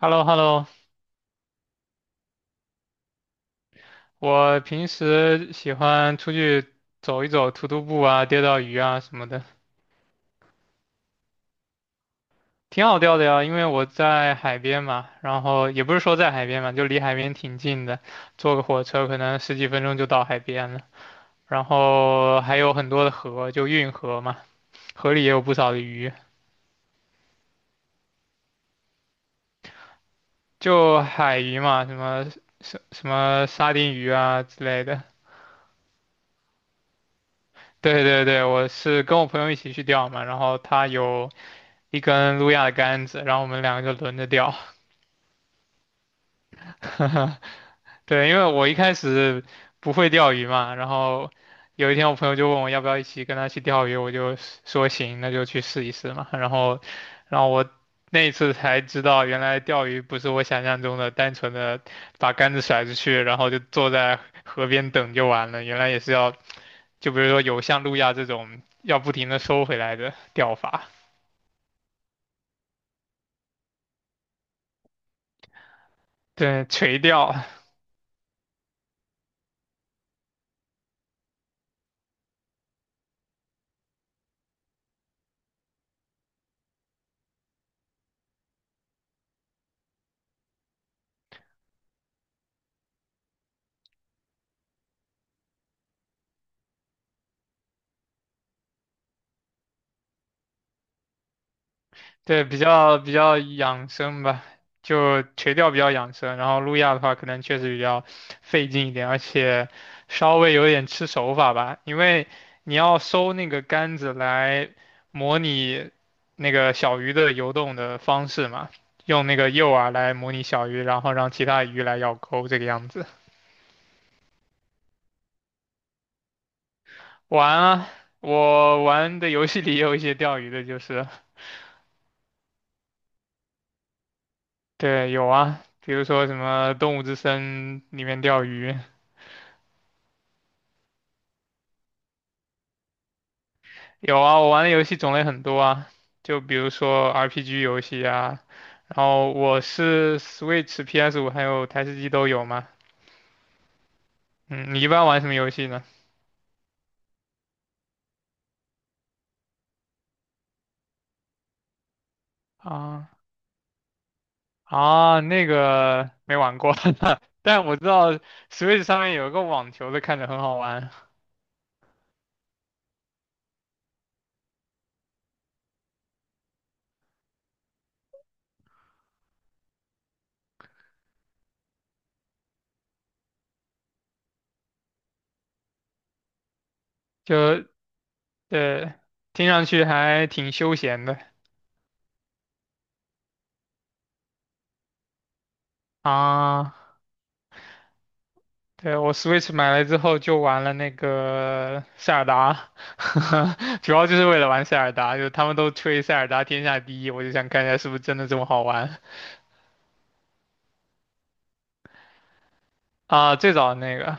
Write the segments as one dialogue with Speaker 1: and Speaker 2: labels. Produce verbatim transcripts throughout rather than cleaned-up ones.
Speaker 1: h e l l o h e l l o。 我平时喜欢出去走一走，徒徒步啊，钓钓鱼啊什么的，挺好钓的呀。因为我在海边嘛，然后也不是说在海边嘛，就离海边挺近的，坐个火车可能十几分钟就到海边了。然后还有很多的河，就运河嘛，河里也有不少的鱼，就海鱼嘛，什么什什么沙丁鱼啊之类的。对对对，我是跟我朋友一起去钓嘛，然后他有。一根路亚的杆子，然后我们两个就轮着钓。对，因为我一开始不会钓鱼嘛，然后有一天我朋友就问我要不要一起跟他去钓鱼，我就说行，那就去试一试嘛。然后，然后我那一次才知道，原来钓鱼不是我想象中的单纯的把杆子甩出去，然后就坐在河边等就完了，原来也是要，就比如说有像路亚这种要不停的收回来的钓法，对，垂钓。对，比较比较养生吧，就垂钓比较养生，然后路亚的话可能确实比较费劲一点，而且稍微有点吃手法吧，因为你要收那个杆子来模拟那个小鱼的游动的方式嘛，用那个诱饵来模拟小鱼，然后让其他鱼来咬钩这个样子。玩啊，我玩的游戏里也有一些钓鱼的，就是，对，有啊，比如说什么《动物之森》里面钓鱼。有啊，我玩的游戏种类很多啊，就比如说 R P G 游戏啊，然后我是 Switch、P S 五还有台式机都有嘛。嗯，你一般玩什么游戏呢？啊啊，那个没玩过，但我知道 Switch 上面有一个网球的，看着很好玩，就对，听上去还挺休闲的啊。对，我 Switch 买来之后就玩了那个塞尔达，主要就是为了玩塞尔达，就他们都吹塞尔达天下第一，我就想看一下是不是真的这么好玩。啊、最早的那个，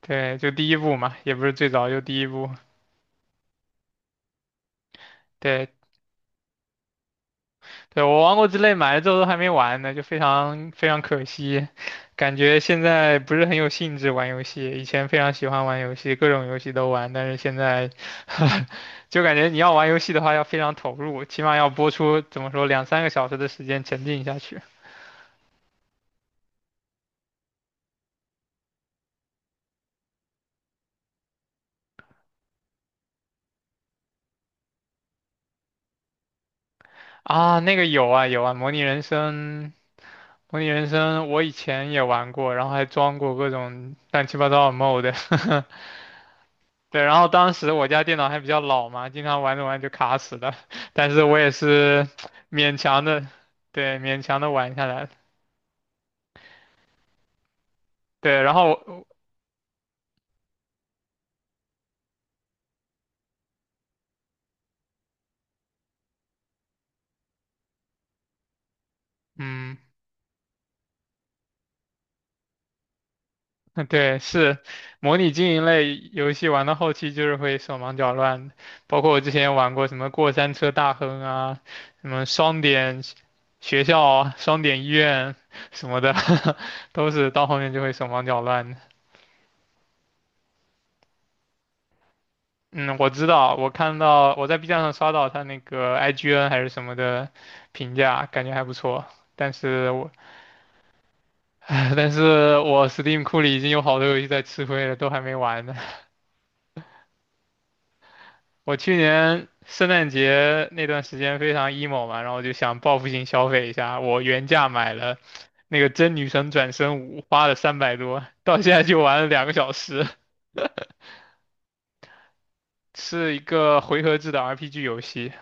Speaker 1: 对，就第一部嘛，也不是最早，就第一部。对，对，我王国之泪买了之后都还没玩呢，就非常非常可惜，感觉现在不是很有兴致玩游戏。以前非常喜欢玩游戏，各种游戏都玩，但是现在 就感觉你要玩游戏的话要非常投入，起码要播出怎么说两三个小时的时间沉浸下去。啊，那个有啊有啊，模拟人生，模拟人生我以前也玩过，然后还装过各种乱七八糟的 mod。e 对，然后当时我家电脑还比较老嘛，经常玩着玩着就卡死了，但是我也是勉强的，对，勉强的玩下来了。对，然后我嗯，对，是模拟经营类游戏玩到后期就是会手忙脚乱的，包括我之前玩过什么过山车大亨啊，什么双点学校啊、双点医院什么的，都是到后面就会手忙脚乱的。嗯，我知道，我看到我在 B 站上刷到他那个 I G N 还是什么的评价，感觉还不错。但是我 但是我 Steam 库里已经有好多游戏在吃灰了，都还没玩呢。我去年圣诞节那段时间非常 emo 嘛，然后我就想报复性消费一下，我原价买了那个《真女神转生五》，花了三百多，到现在就玩了两个小时，是一个回合制的 R P G 游戏，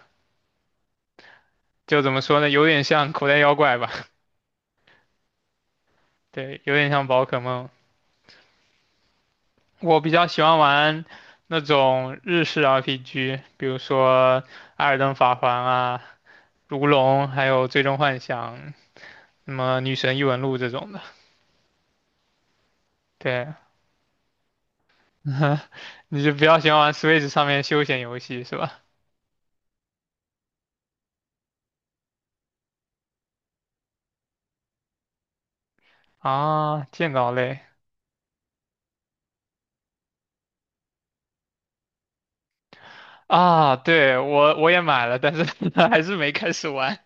Speaker 1: 就怎么说呢，有点像口袋妖怪吧，对，有点像宝可梦。我比较喜欢玩那种日式 R P G，比如说《艾尔登法环》啊、《如龙》，还有《最终幻想》、什么《女神异闻录》这种的。对，你就比较喜欢玩 Switch 上面休闲游戏是吧？啊，建造类啊，对，我我也买了，但是 还是没开始玩。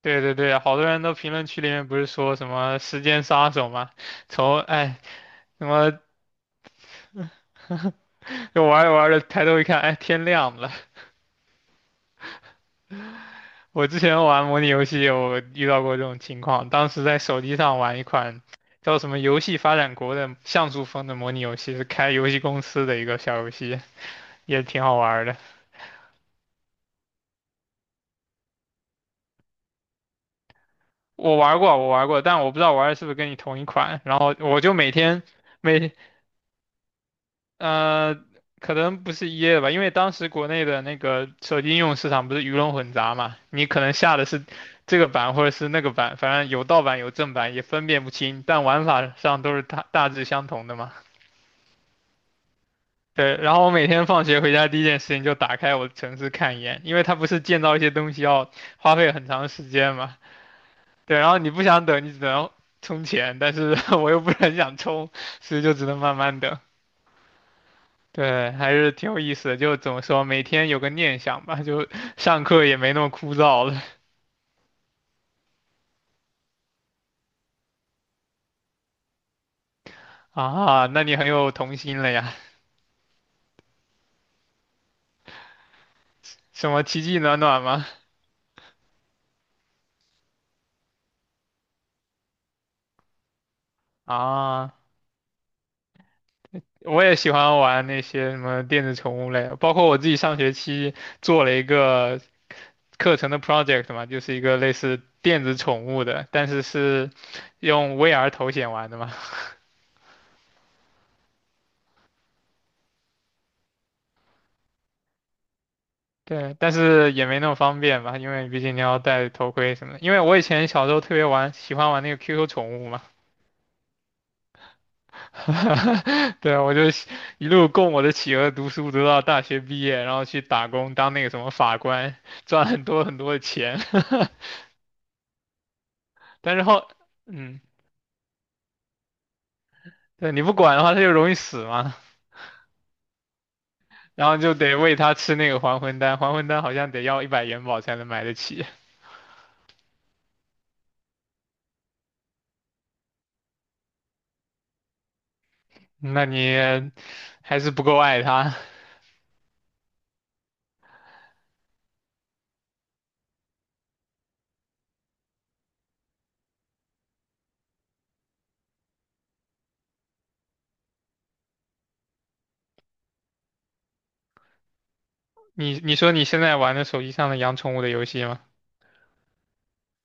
Speaker 1: 对对对，好多人都评论区里面不是说什么时间杀手吗？从哎什么 就玩着玩着抬头一看，哎天亮了，我之前玩模拟游戏有遇到过这种情况，当时在手机上玩一款叫什么《游戏发展国》的像素风的模拟游戏，是开游戏公司的一个小游戏，也挺好玩儿的。我玩过，我玩过，但我不知道玩的是不是跟你同一款。然后我就每天每呃，可能不是一 a 的吧，因为当时国内的那个手机应用市场不是鱼龙混杂嘛，你可能下的是这个版或者是那个版，反正有盗版有正版也分辨不清，但玩法上都是大大致相同的嘛。对，然后我每天放学回家第一件事情就打开我的城市看一眼，因为它不是建造一些东西要花费很长时间嘛。对，然后你不想等，你只能充钱，但是 我又不是很想充，所以就只能慢慢等。对，还是挺有意思的，就怎么说，每天有个念想吧，就上课也没那么枯燥了啊。那你很有童心了呀？什么奇迹暖暖吗？啊。我也喜欢玩那些什么电子宠物类的包括我自己上学期做了一个课程的 project 嘛，就是一个类似电子宠物的，但是是用 V R 头显玩的嘛。对，但是也没那么方便吧，因为毕竟你要戴头盔什么的。因为我以前小时候特别玩，喜欢玩那个 Q Q 宠物嘛。对，我就喜一路供我的企鹅读书，读到大学毕业，然后去打工当那个什么法官，赚很多很多的钱。但是后，嗯，对，你不管的话，它就容易死嘛，然后就得喂它吃那个还魂丹，还魂丹好像得要一百元宝才能买得起，那你还是不够爱它。你你说你现在玩的手机上的养宠物的游戏吗？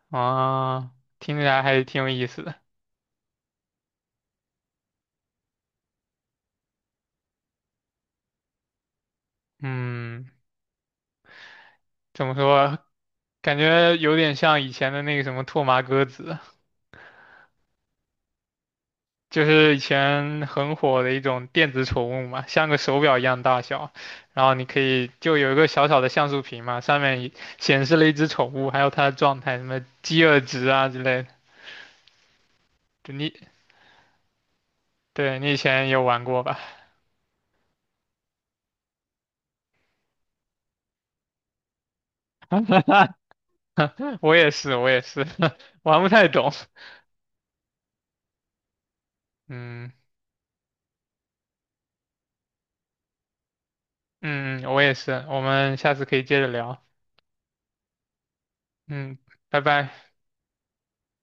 Speaker 1: 啊，听起来还是挺有意思的。嗯，怎么说？感觉有点像以前的那个什么拓麻歌子，就是以前很火的一种电子宠物嘛，像个手表一样大小，然后你可以就有一个小小的像素屏嘛，上面一显示了一只宠物，还有它的状态，什么饥饿值啊之类的。就你对你以前有玩过吧？我也是，我也是，玩不太懂。嗯嗯，嗯我也是。我们下次可以接着聊。嗯，拜拜。